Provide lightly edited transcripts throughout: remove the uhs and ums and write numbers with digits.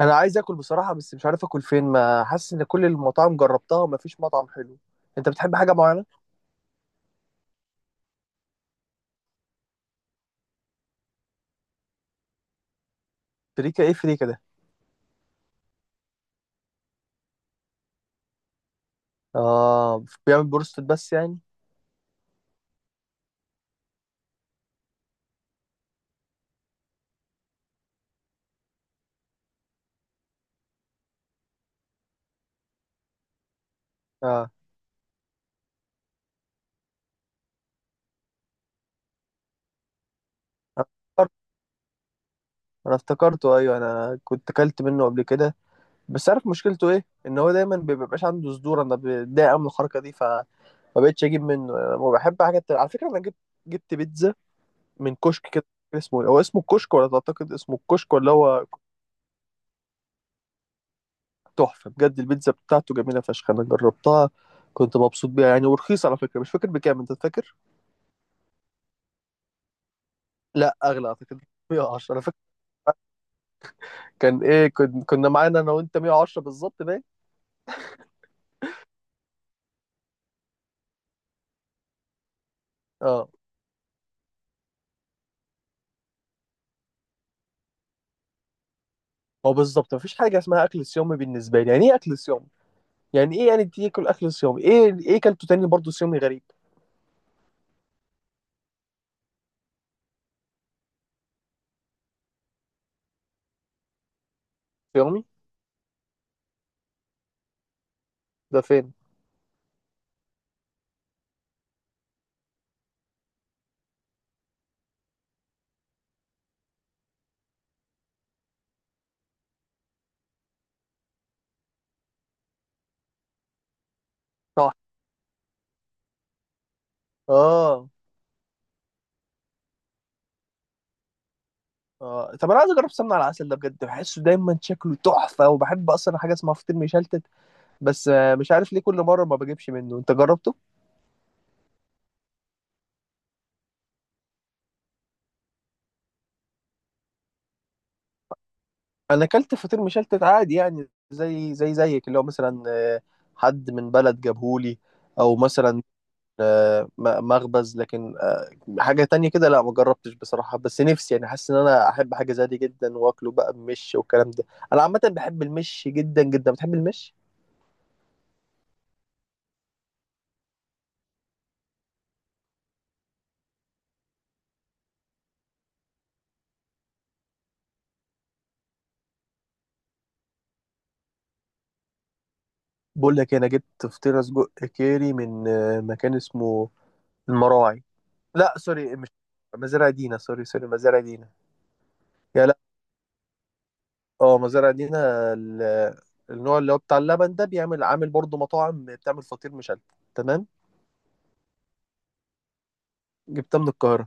انا عايز اكل بصراحه، بس مش عارف اكل فين، ما حاسس ان كل المطاعم جربتها وما فيش مطعم حلو. انت بتحب حاجه معينه؟ فريكا؟ ايه فريكا ده؟ اه، بيعمل بروستد بس يعني. اه، انا افتكرت- أنا افتكرته، ايوه انا كنت اكلت منه قبل كده. بس عارف مشكلته ايه؟ ان هو دايما ما بيبقاش عنده صدور، انا بتضايق أوي من الحركه دي فما بقتش اجيب منه. أنا بحب حاجه تانية. على فكره انا جبت بيتزا من كشك كده. اسمه إيه؟ هو اسمه الكشك ولا تعتقد اسمه الكشك ولا هو؟ تحفة بجد، البيتزا بتاعته جميلة فشخ، أنا جربتها. كنت مبسوط بيها يعني، ورخيصة على فكرة. مش فاكر بكام، أنت فاكر؟ لا، أغلى أعتقد. 110 أنا فاكر. كان إيه كنا معانا أنا وأنت 110 بالظبط باين؟ أه. هو بالظبط مفيش حاجة اسمها أكل صيامي بالنسبة لي. يعني إيه أكل صيامي؟ يعني إيه يعني تاكل أكل صيامي؟ إيه؟ إيه كلته تاني برضه صيامي غريب؟ صيامي؟ ده فين؟ طبعا. آه. طب أنا عايز أجرب سمنة على العسل ده بجد، بحسه دايما شكله تحفة وبحب أصلا حاجة اسمها فطير مشلتت. بس مش عارف ليه كل مرة ما بجيبش منه. أنت جربته؟ انا اكلت فطير مشلتت عادي يعني زي زي زيك اللي هو مثلا، حد من بلد جابهولي. او مثلا مخبز، لكن حاجة تانية كده. لا، ما جربتش بصراحة، بس نفسي يعني، حاسس ان انا احب حاجة زي دي جدا واكله بقى بمش والكلام ده. انا عامة بحب المش جدا جدا. بتحب المش؟ بقول لك إيه، انا جبت فطيرة سجق كيري من مكان اسمه المراعي. لا سوري، مش مزارع دينا، سوري سوري، مزارع دينا. يا. اه مزارع دينا. ال- النوع اللي هو بتاع اللبن ده بيعمل عامل برضه مطاعم بتعمل فطير مشلتت. تمام. جبتها من القاهرة.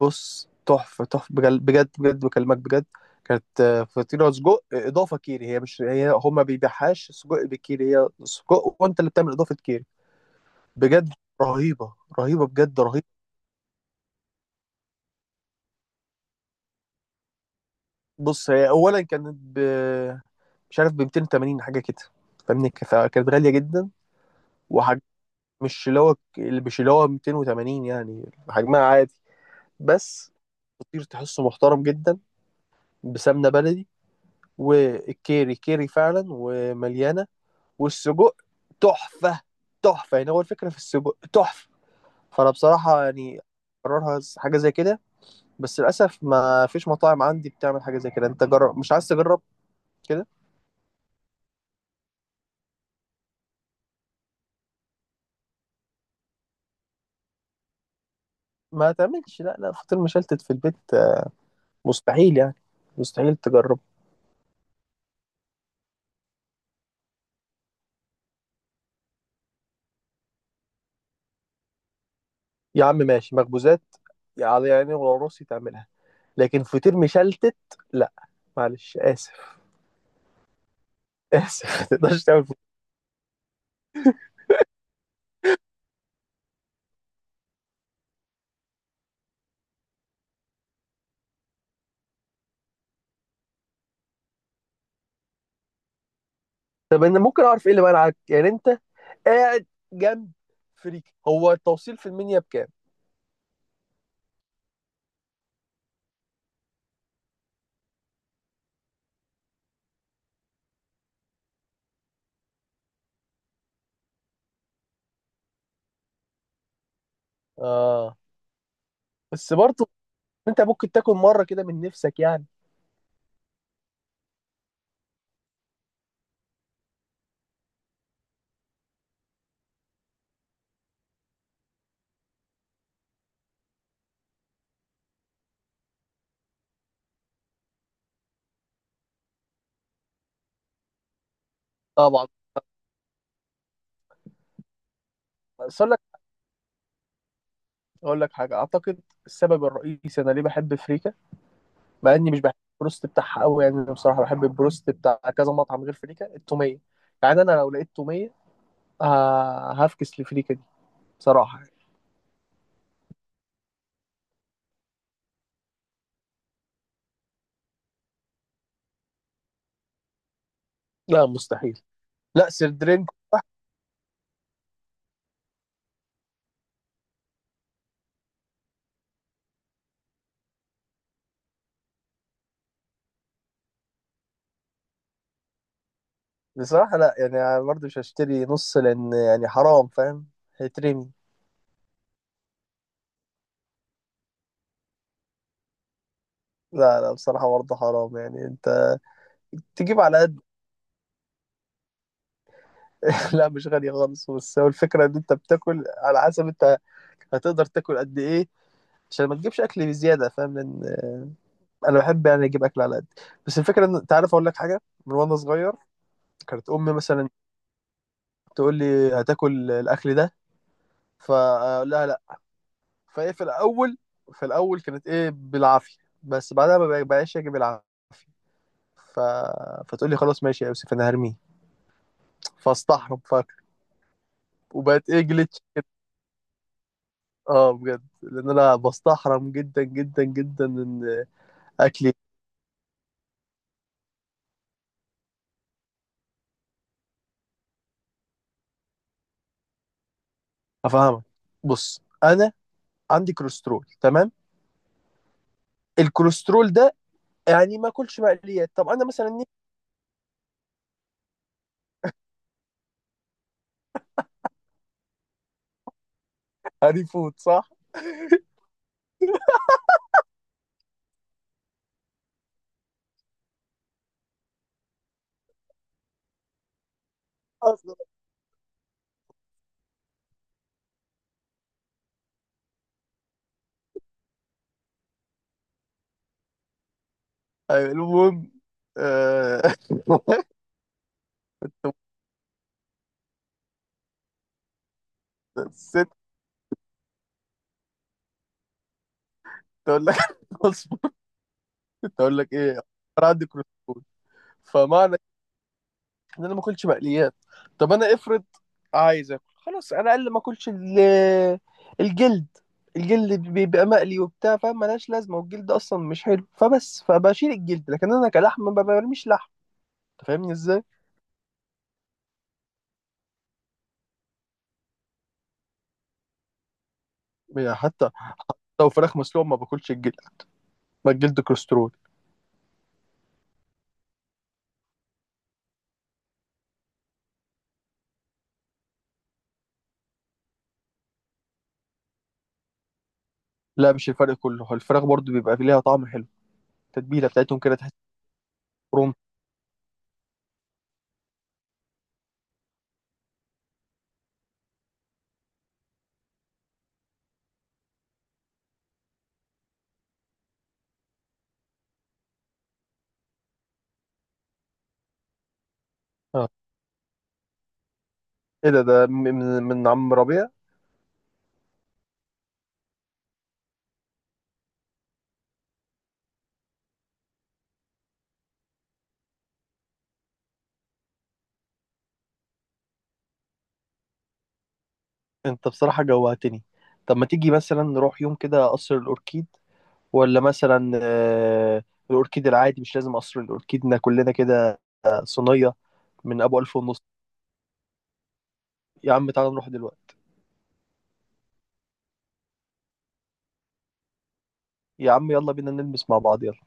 بص، تحفة تحفة بجد بجد بكلمك بجد. كانت فطيرة سجق إضافة كيري، هي مش هي، هما بيبيعهاش سجق بكيري، هي سجق وأنت اللي بتعمل إضافة كيري. بجد رهيبة، رهيبة بجد رهيبة. بص هي أولا كانت مش عارف ب 280 حاجة كده فاهمني، فكانت غالية جدا. وح... مش اللي هو اللي مش اللي هو 280 يعني حجمها عادي بس. فطير تحسه محترم جدا، بسمنه بلدي، والكيري كيري فعلا ومليانه، والسجق تحفه، تحفه يعني، هو الفكره في السجق تحفه، فانا بصراحه يعني، قررها حاجه زي كده. بس للاسف ما فيش مطاعم عندي بتعمل حاجه زي كده. انت جرب، مش عايز تجرب كده؟ ما تعملش، لا لا، فطير مشلتت في البيت مستحيل يعني، مستحيل تجرب. يا عم ماشي، مخبوزات يعني، على يعني ولا راسي تعملها، لكن فطير مشلتت لا، معلش، اسف. اسف، ما تقدرش تعمل فطير. طب انا ممكن اعرف ايه اللي منعك يعني؟ انت قاعد جنب فريك، هو التوصيل في المنيا بكام؟ اه. بس برضه انت ممكن تاكل مره كده من نفسك يعني. طبعا. بس اقول لك حاجه، اعتقد السبب الرئيسي انا ليه بحب فريكا، مع اني مش بحب البروست بتاعها قوي يعني. انا بصراحه بحب البروست بتاع كذا مطعم غير فريكا، التوميه يعني. انا لو لقيت توميه هفكس لفريكا دي، بصراحه يعني. لا مستحيل، لا سردرين. بصراحة لا يعني، أنا برضه مش هشتري نص لأن يعني حرام فاهم، هيترمي. لا لا، بصراحة برضه حرام يعني، أنت تجيب على قد. لا مش غالي خالص، بس هو الفكرة إن أنت بتاكل على حسب أنت هتقدر تاكل قد إيه، عشان ما تجيبش أكل بزيادة فاهم، لأن أنا بحب يعني أجيب أكل على قد. بس الفكرة إن أنت عارف، أقول لك حاجة. من وأنا صغير كانت أمي مثلا تقول لي هتاكل الأكل ده، فأقول لها لا. فإيه، في الأول كانت إيه بالعافية، بس بعدها ما بقاش أجيب العافية. ف... فتقول لي خلاص ماشي يا يوسف، انا هرميه. فاستحرم فاكر، وبقت ايه جلتش كده. اه بجد، لان انا بستحرم جدا جدا جدا ان اكلي. افهمك. بص انا عندي كوليسترول تمام. الكوليسترول ده، يعني ما اكلش مقليات. طب انا مثلا نفسي. هاري فود، صح؟ اصلا. أيوة، المهم. آه، الست تقول لك، اصبر. تقول لك ايه؟ انا عندي كوليسترول، فمعنى ان انا ما اكلش مقليات. طب انا افرض عايز اكل خلاص، انا اقل ما اكلش الجلد. الجلد بيبقى مقلي وبتاع فاهم، ملهاش لازمه، والجلد اصلا مش حلو فبس، فبشيل الجلد، لكن انا كلحم ما برميش لحم. انت فاهمني ازاي؟ يعني حتى لو فراخ مسلوقه ما باكلش الجلد، ما الجلد كوليسترول. لا مش الفرق كله، هو الفراخ برضو بيبقى ليها طعم حلو، التتبيله بتاعتهم كده تحس. روم. اه، ايه ده، ده من عم ربيع. انت بصراحه جوعتني. طب ما تيجي مثلا نروح يوم كده قصر الاوركيد، ولا مثلا الأوركيد العادي، مش لازم قصر الأوركيدنا كلنا كده، صينية. من أبو 1500. يا عم تعالى نروح دلوقتي. يا عم يلا بينا نلمس مع بعض يلا.